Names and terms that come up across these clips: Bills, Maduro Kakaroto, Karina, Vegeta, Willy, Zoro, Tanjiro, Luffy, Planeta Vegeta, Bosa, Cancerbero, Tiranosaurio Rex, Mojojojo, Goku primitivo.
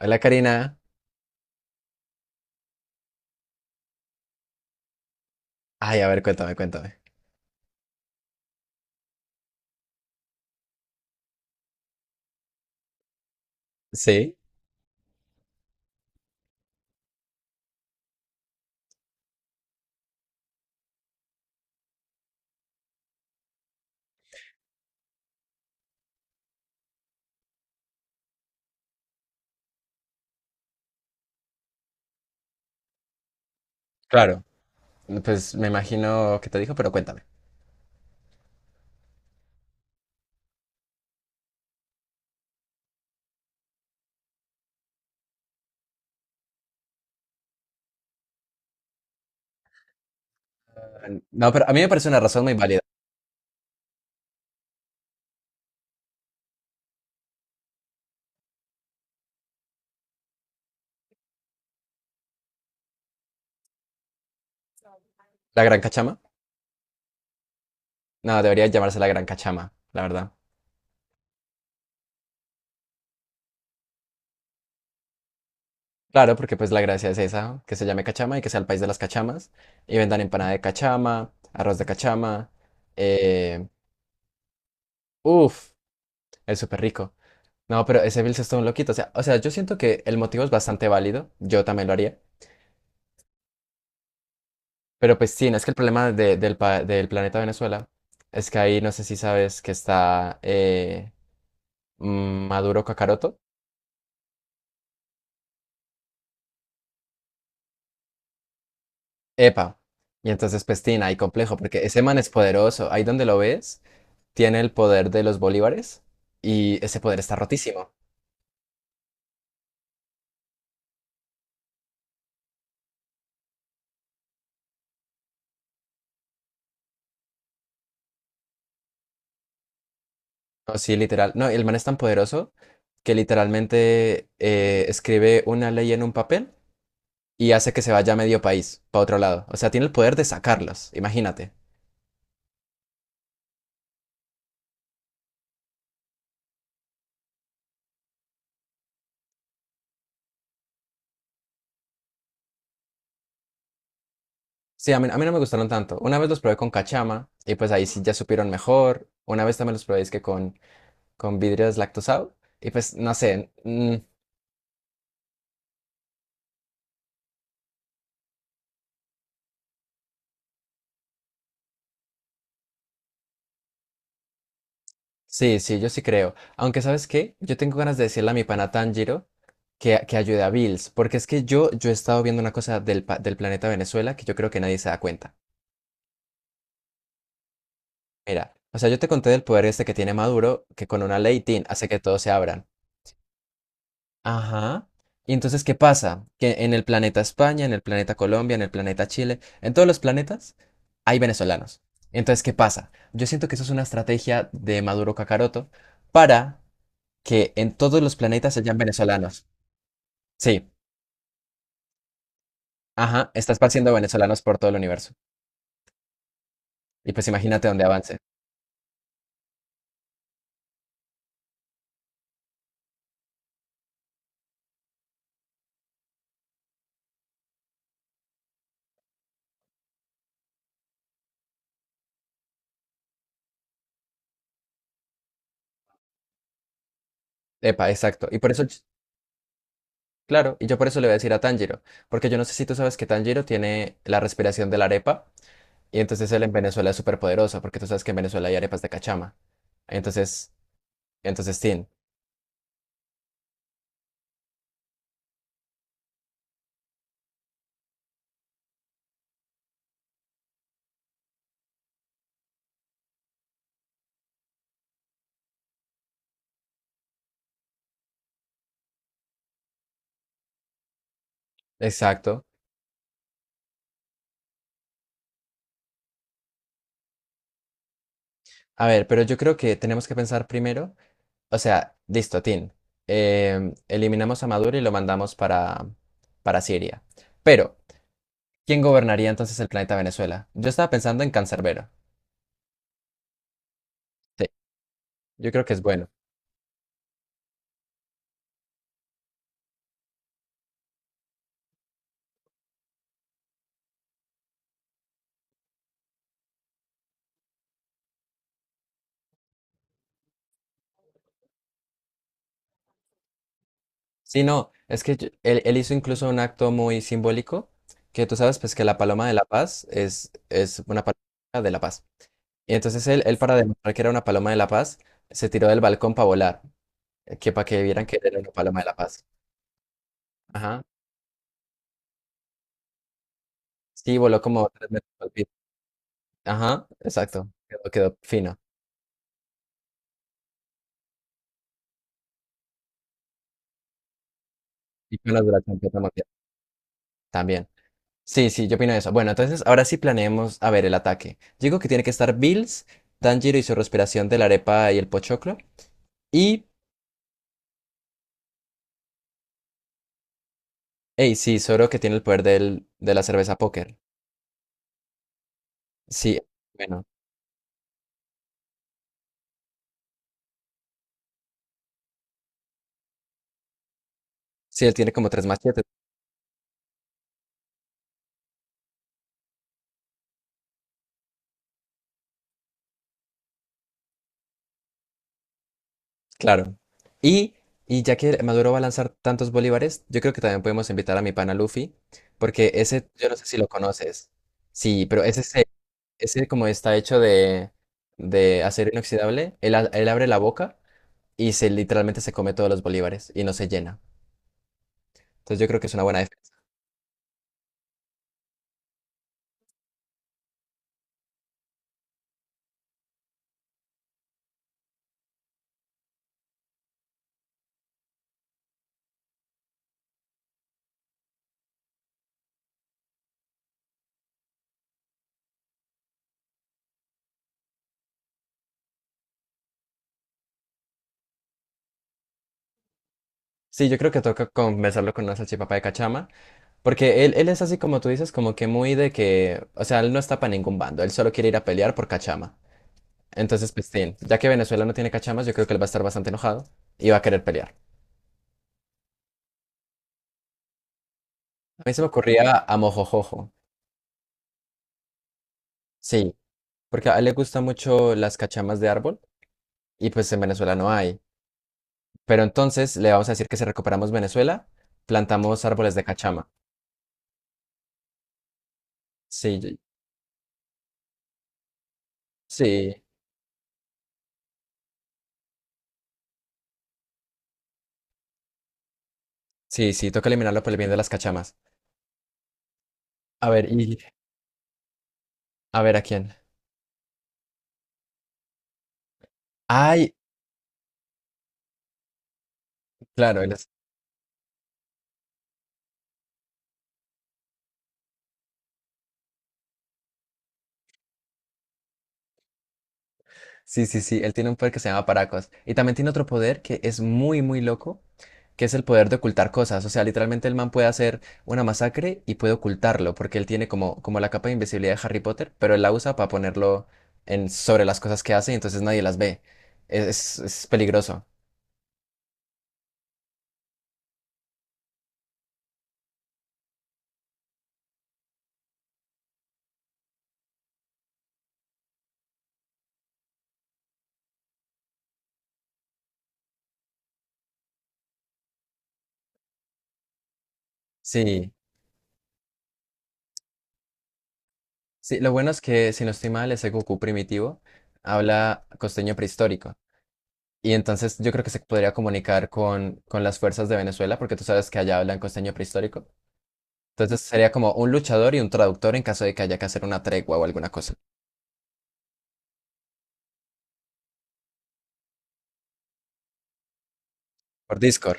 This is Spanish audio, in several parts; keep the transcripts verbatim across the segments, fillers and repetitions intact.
Hola Karina. Ay, a ver, cuéntame, cuéntame. Sí, claro. Pues me imagino que te dijo, pero cuéntame. No, pero a mí me parece una razón muy válida. ¿La Gran Cachama? No, debería llamarse la Gran Cachama, la verdad. Claro, porque pues la gracia es esa, que se llame Cachama y que sea el país de las cachamas. Y vendan empanada de cachama, arroz de cachama. Eh, Uf, es súper rico. No, pero ese Bills es todo un loquito. O sea, o sea, yo siento que el motivo es bastante válido. Yo también lo haría. Pero pues sí, no es que el problema de- del, pa- del planeta Venezuela es que ahí no sé si sabes que está eh, mm, Maduro Kakaroto. Epa. Y entonces pues tiene ahí complejo, porque ese man es poderoso. Ahí donde lo ves, tiene el poder de los bolívares y ese poder está rotísimo. No, sí, literal. No, el man es tan poderoso que literalmente eh, escribe una ley en un papel y hace que se vaya medio país, para otro lado. O sea, tiene el poder de sacarlos, imagínate. Sí, a mí, a mí no me gustaron tanto. Una vez los probé con cachama y pues ahí sí ya supieron mejor. Una vez también los probé es que con, con vidrio deslactosado y pues no sé. Mm, sí, sí, yo sí creo. Aunque ¿sabes qué? Yo tengo ganas de decirle a mi pana Tanjiro que, que ayude a Bills, porque es que yo, yo he estado viendo una cosa del, pa- del planeta Venezuela que yo creo que nadie se da cuenta. Mira, o sea, yo te conté del poder este que tiene Maduro, que con una ley, tin, hace que todos se abran. Ajá. Y entonces, ¿qué pasa? Que en el planeta España, en el planeta Colombia, en el planeta Chile, en todos los planetas hay venezolanos. Entonces, ¿qué pasa? Yo siento que eso es una estrategia de Maduro Cacaroto para que en todos los planetas hayan venezolanos. Sí, ajá, está esparciendo venezolanos por todo el universo. Y pues imagínate dónde avance. Epa, exacto. Y por eso, ch- claro, y yo por eso le voy a decir a Tanjiro, porque yo no sé si tú sabes que Tanjiro tiene la respiración de la arepa. Y entonces él en Venezuela es súper poderoso, porque tú sabes que en Venezuela hay arepas de cachama. Entonces, entonces, Tin. Exacto. A ver, pero yo creo que tenemos que pensar primero, o sea, listo, Tin. Em, eliminamos a Maduro y lo mandamos para, para Siria. Pero, ¿quién gobernaría entonces el planeta Venezuela? Yo estaba pensando en Cancerbero. Sí, yo creo que es bueno. Sí, no, es que yo- él, él hizo incluso un acto muy simbólico, que tú sabes, pues que la paloma de la paz es, es una paloma de la paz. Y entonces él, él, para demostrar que era una paloma de la paz, se tiró del balcón para volar, eh, que para que vieran que era una paloma de la paz. Ajá. Sí, voló como tres metros al piso. Ajá, exacto. Quedó, quedó fino. Y con la duración que estamos viendo también. Sí, sí, yo opino eso. Bueno, entonces ahora sí planeemos, a ver, el ataque. Digo que tiene que estar Bills, Tanjiro y su respiración de la arepa y el pochoclo. Y, hey, sí, Zoro que tiene el poder del, de la cerveza póker. Sí, bueno, sí, él tiene como tres machetes. Claro. Y, y ya que Maduro va a lanzar tantos bolívares, yo creo que también podemos invitar a mi pana Luffy, porque ese, yo no sé si lo conoces. Sí, pero ese, se- ese como está hecho de, de acero inoxidable, él, a- él abre la boca y se literalmente se come todos los bolívares y no se llena. Entonces yo creo que es una buena defensa. Sí, yo creo que toca conversarlo con una salchipapa de cachama, porque él, él es así como tú dices, como que muy de que, o sea, él no está para ningún bando, él solo quiere ir a pelear por cachama. Entonces, pues, sí. Ya que Venezuela no tiene cachamas, yo creo que él va a estar bastante enojado y va a querer pelear. A mí se me ocurría a Mojojojo, sí, porque a él le gustan mucho las cachamas de árbol y pues en Venezuela no hay. Pero entonces le vamos a decir que si recuperamos Venezuela, plantamos árboles de cachama. Sí, yo- sí, sí, sí, toca eliminarlo por el bien de las cachamas. A ver, y a ver a quién. Ay, claro, él es- sí, sí, sí, él tiene un poder que se llama Paracos. Y también tiene otro poder que es muy, muy loco que es el poder de ocultar cosas. O sea, literalmente el man puede hacer una masacre y puede ocultarlo, porque él tiene como, como la capa de invisibilidad de Harry Potter, pero él la usa para ponerlo en, sobre las cosas que hace y entonces nadie las ve. Es, es- es peligroso. Sí, sí, lo bueno es que, si no estoy mal, ese Goku primitivo habla costeño prehistórico. Y entonces yo creo que se podría comunicar con, con las fuerzas de Venezuela, porque tú sabes que allá hablan costeño prehistórico. Entonces sería como un luchador y un traductor en caso de que haya que hacer una tregua o alguna cosa. Por Discord.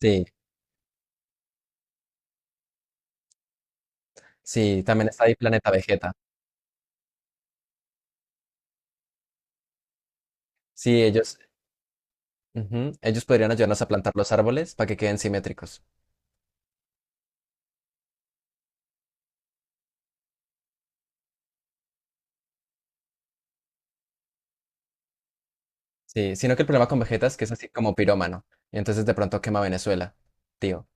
Sí, sí, también está ahí Planeta Vegeta. Sí, ellos, ujú, ellos podrían ayudarnos a plantar los árboles para que queden simétricos. Sí, sino que el problema con Vegeta es que es así como pirómano. Y entonces de pronto quema Venezuela, tío.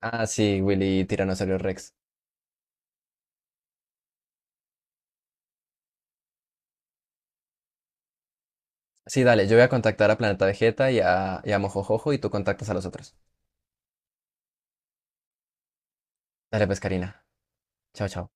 Ah, sí, Willy y Tiranosaurio Rex. Sí, dale, yo voy a contactar a Planeta Vegeta y a, y a Mojojojo y tú contactas a los otros. Dale, pues, Karina. Chao, chao.